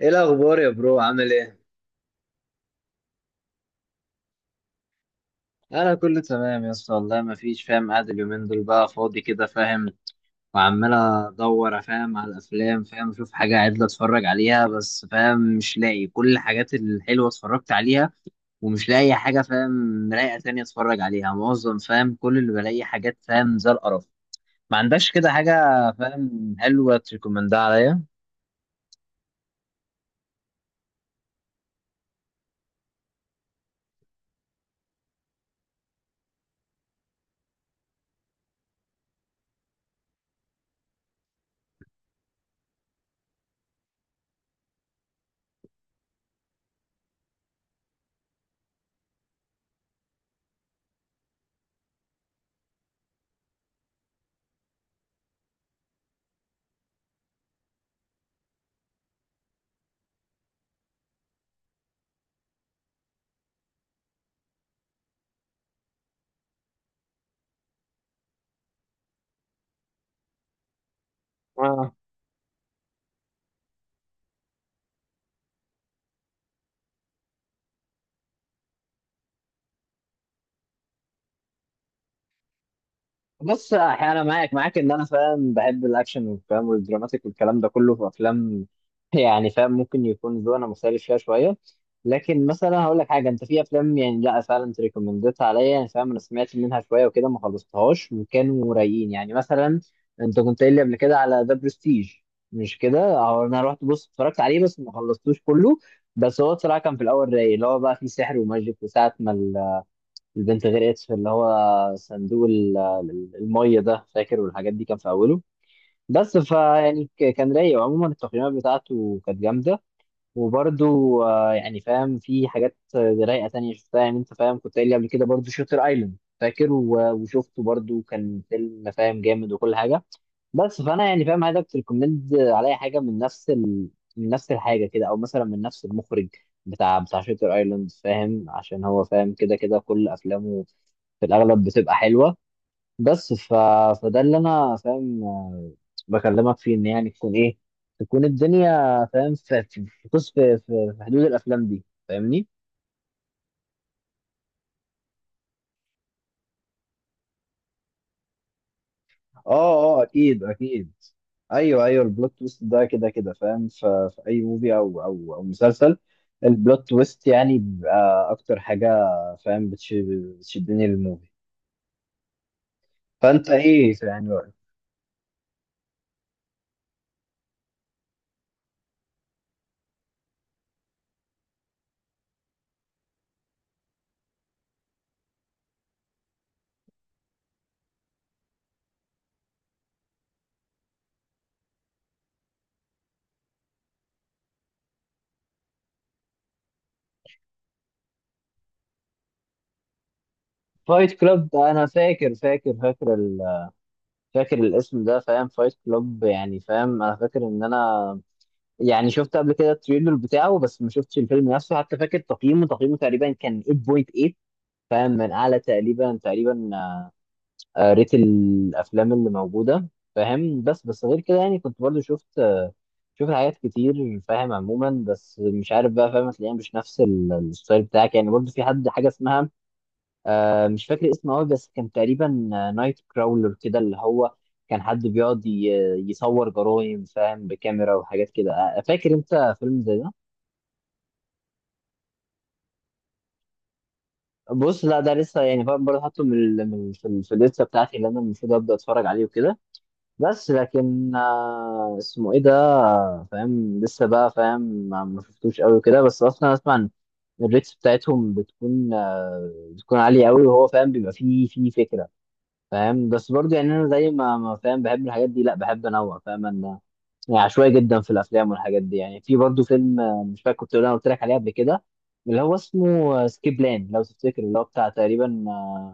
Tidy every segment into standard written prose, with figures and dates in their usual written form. ايه الاخبار يا برو عامل ايه؟ انا كله تمام يا اسطى، والله ما فيش. فاهم قاعد اليومين دول بقى فاضي كده، فاهم، وعمال ادور فاهم على الافلام، فاهم اشوف حاجه عدله اتفرج عليها، بس فاهم مش لاقي، كل الحاجات الحلوه اتفرجت عليها، ومش لاقي حاجه فاهم رايقه تانية اتفرج عليها، معظم فاهم كل اللي بلاقي حاجات فاهم زي القرف. ما عندكش كده حاجه فاهم حلوه تريكومندها عليا؟ بص، انا معاك ان انا فاهم بحب الاكشن والكلام والدراماتيك والكلام ده كله في افلام. يعني فاهم ممكن يكون ذوقنا مختلف فيها شويه، لكن مثلا هقول لك حاجه، انت في افلام يعني لا فعلا انت ريكومندتها عليا، يعني فاهم انا سمعت منها شويه وكده ما خلصتهاش وكانوا رايقين. يعني مثلا انت كنت قايل لي قبل كده على ذا برستيج، مش كده؟ أهو انا رحت بص اتفرجت عليه بس ما خلصتوش كله. بس هو بصراحه كان في الاول رايق، اللي هو بقى فيه سحر وماجيك، وساعه ما البنت غرقت في اللي هو صندوق المية ده، فاكر؟ والحاجات دي كان في أوله. بس فيعني كان رايق، وعموما التقييمات بتاعته كانت جامدة. وبرده يعني فاهم في حاجات رايقة تانية شفتها، يعني أنت فاهم كنت قايل لي قبل كده برده شوتر أيلاند، فاكر؟ وشفته برده، كان فيلم فاهم جامد وكل حاجة. بس فانا يعني فاهم هذا تريكومند عليا حاجه من من نفس الحاجه كده، او مثلا من نفس المخرج بتاع شاتر ايلاند، فاهم؟ عشان هو فاهم كده كده كل افلامه في الاغلب بتبقى حلوه. بس ف... فده اللي انا فاهم بكلمك فيه، ان يعني تكون ايه، تكون الدنيا فاهم في في حدود الافلام دي، فاهمني؟ اه، اه اكيد اكيد. ايوه ايوه، البلوت تويست ده كده كده فاهم في اي موفي او مسلسل، البلوت تويست يعني بيبقى اكتر حاجه فاهم بتشدني للموفي. فانت ايه يعني رأيك؟ فايت كلاب ده، انا فاكر فاكر الاسم ده، فاهم. فايت كلاب يعني فاهم انا فاكر ان انا يعني شفت قبل كده التريلر بتاعه، بس ما شفتش الفيلم نفسه. حتى فاكر تقييمه تقريبا كان 8.8، فاهم، من اعلى تقريبا. قريت الافلام اللي موجوده فاهم، بس بس غير كده يعني كنت برضو شفت. شفت حاجات كتير فاهم عموما، بس مش عارف بقى، فاهم هتلاقيها مش نفس الستايل بتاعك. يعني برضو في حد حاجه اسمها، آه، مش فاكر اسمه قوي، بس كان تقريبا نايت كراولر كده، اللي هو كان حد بيقعد يصور جرايم فاهم بكاميرا وحاجات كده. آه، فاكر انت فيلم زي ده؟ بص، لا، ده لسه، يعني فاهم برضه حاطه من في الليسته بتاعتي، اللي انا المفروض ابدا اتفرج عليه وكده، بس لكن آه، اسمه ايه ده، فاهم لسه بقى فاهم ما شفتوش قوي كده، بس اصلا اسمع إن الريتس بتاعتهم بتكون آه، بتكون عالية قوي، وهو فاهم بيبقى فيه فكرة فاهم. بس برضه يعني انا زي ما فاهم بحب الحاجات دي، لا بحب انوع، فاهم انا يعني عشوائي جدا في الافلام والحاجات دي. يعني في برضه فيلم آه، مش فاكر كنت انا قلت لك عليه قبل كده، اللي هو اسمه سكيب لان لو تفتكر، اللي هو بتاع تقريبا آه،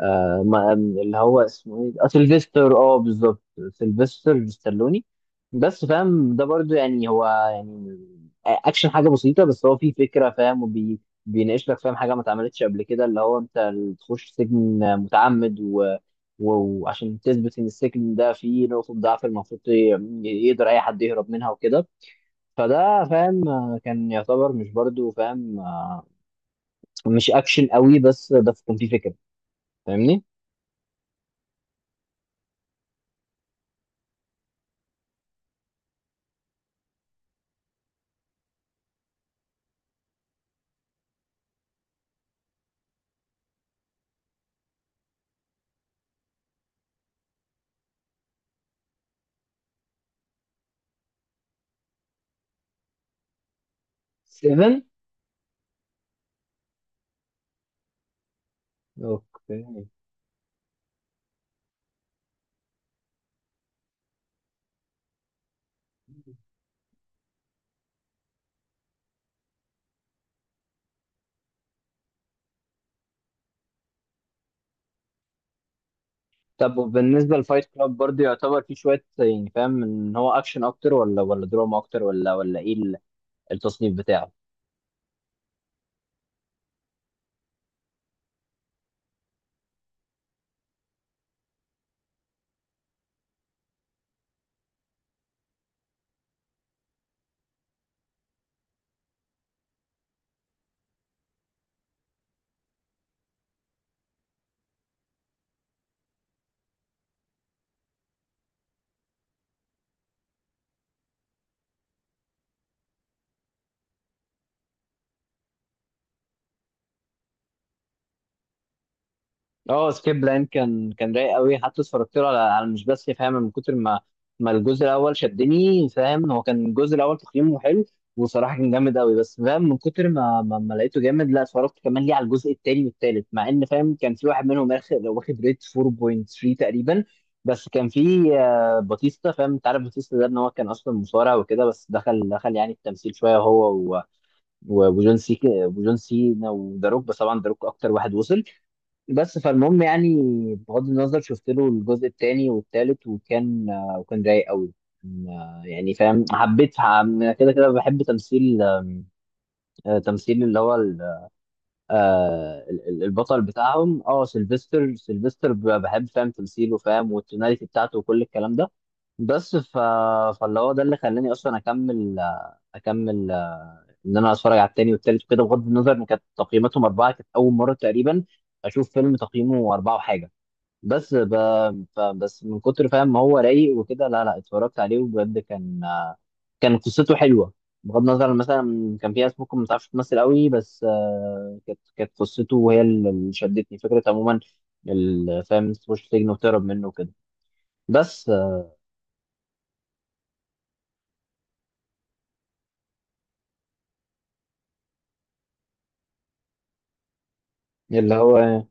آه ما اللي هو اسمه ايه، آه، سيلفستر، اه بالظبط. سيلفستر ستالوني. بس فاهم ده برضو يعني هو يعني اكشن حاجه بسيطه، بس هو فيه فكره فاهم بيناقش لك فاهم حاجه ما اتعملتش قبل كده، اللي هو انت تخش سجن متعمد، وعشان تثبت ان السجن ده فيه نقطه ضعف، المفروض يقدر اي حد يهرب منها وكده. فده فاهم آه، كان يعتبر مش برضو فاهم آه، مش اكشن قوي، بس ده كان فيه فكره، فاهمني؟ 7 اوكي. طب وبالنسبة لفايت كلاب برضه يعتبر فيه شوية يعني فاهم ان هو اكشن اكتر، ولا دراما اكتر، ولا ايه التصنيف بتاعه؟ اه، سكيب بلان كان رايق قوي، حتى اتفرجت له على مش بس فاهم من كتر ما الجزء الاول شدني، فاهم، هو كان الجزء الاول تقييمه حلو وصراحه كان جامد قوي. بس فاهم من كتر ما لقيته جامد، لا اتفرجت كمان ليه على الجزء الثاني والثالث، مع ان فاهم كان في واحد منهم اخر لو واخد ريت 4.3 تقريبا. بس كان في آه، باتيستا، فاهم انت عارف باتيستا ده ان هو كان اصلا مصارع وكده، بس دخل يعني التمثيل شويه، هو وجون سي وجون سينا وذا روك، بس طبعا ذا روك اكتر واحد وصل. بس فالمهم يعني بغض النظر، شفت له الجزء الثاني والثالث، وكان آه، وكان رايق قوي. كان، آه، يعني فاهم حبيت أنا كده كده بحب تمثيل آم، آه، تمثيل اللي هو البطل بتاعهم، اه سيلفستر، سيلفستر بحب فاهم تمثيله، فاهم والتوناليتي بتاعته وكل الكلام ده. بس ف... فاللي هو ده اللي خلاني اصلا اكمل آه، اكمل آه، ان انا اتفرج على التاني والتالت وكده، بغض النظر ان كانت تقييماتهم اربعه. كانت اول مره تقريبا اشوف فيلم تقييمه اربعه وحاجه. بس ب... بس من كتر فاهم ما هو رايق وكده، لا اتفرجت عليه، وبجد كان آه، كان قصته حلوه. بغض النظر عن مثلا كان في ناس ممكن ما تعرفش تمثل قوي، بس آه، كانت قصته وهي اللي شدتني فكره عموما. فاهم تخش سجن وتهرب منه كده، بس آه، اللي هو.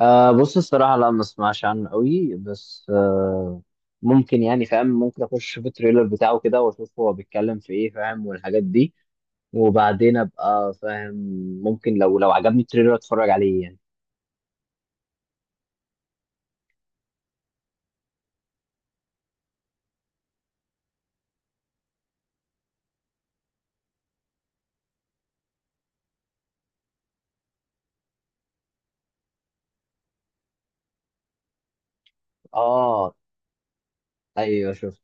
آه بص، الصراحه لا، ما اسمعش عنه قوي، بس آه ممكن، يعني فاهم ممكن اخش في التريلر بتاعه كده، واشوف هو بيتكلم في ايه فاهم والحاجات دي، وبعدين ابقى فاهم ممكن لو عجبني التريلر اتفرج عليه يعني. اه ايوه، شفت.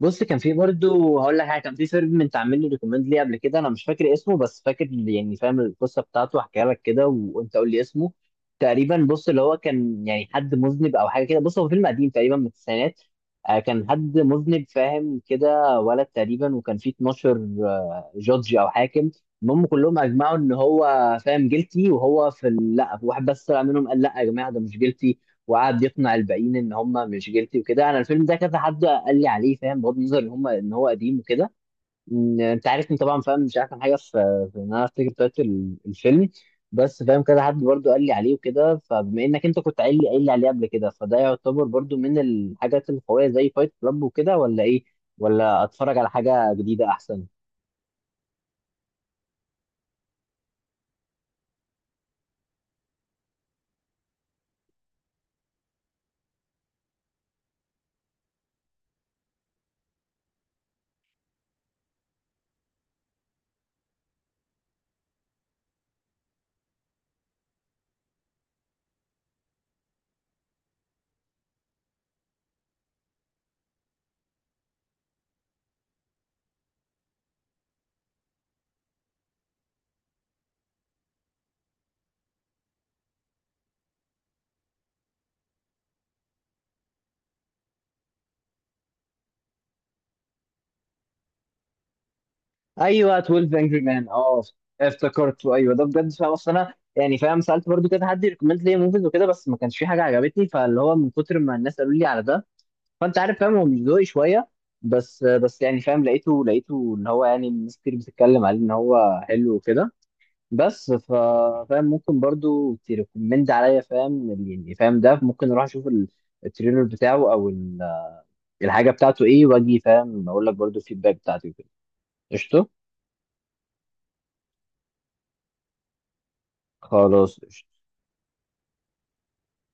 بص كان في برضه، هقول لك حاجه، كان في فيلم انت عامل لي ريكومند ليه قبل كده، انا مش فاكر اسمه بس فاكر، يعني فاهم القصه بتاعته هحكيها لك كده، وانت قول لي اسمه. تقريبا بص اللي هو كان يعني حد مذنب او حاجه كده، بص هو فيلم قديم تقريبا من التسعينات. آه، كان حد مذنب فاهم كده، ولد تقريبا، وكان فيه 12 آه، جودج او حاكم. المهم كلهم اجمعوا ان هو فاهم جيلتي، وهو في لا، واحد بس طلع منهم قال لا يا جماعه ده مش جيلتي، وقعد يقنع الباقيين ان هم مش جيلتي وكده. انا الفيلم ده كذا حد قال لي عليه، فاهم، بغض النظر ان هم ان هو قديم وكده. انت عارفني طبعا، فاهم مش احسن حاجه في ان انا افتكر تايتل الفيلم. بس فاهم كذا حد برضو قال لي عليه وكده، فبما انك انت كنت قايل لي عليه قبل كده، فده يعتبر برضو من الحاجات القويه زي فايت كلاب وكده، ولا ايه؟ ولا اتفرج على حاجه جديده احسن؟ ايوه، 12 انجري مان، اه افتكرته. ايوه ده بجد فاهم، اصل انا يعني فاهم سالت برضو كده حد ريكومند لي موفيز وكده، بس ما كانش في حاجه عجبتني، فاللي هو من كتر ما الناس قالوا لي على ده، فانت عارف فاهم هو مش ذوقي شويه، بس بس يعني فاهم لقيته ان هو يعني الناس كتير بتتكلم عليه ان هو حلو وكده. بس ف فاهم ممكن برضو تريكومند عليا فاهم، يعني فاهم ده ممكن اروح اشوف التريلر بتاعه او الحاجه بتاعته ايه، واجي فاهم اقول لك برضو الفيدباك بتاعتي وكده. قشطه، خلاص.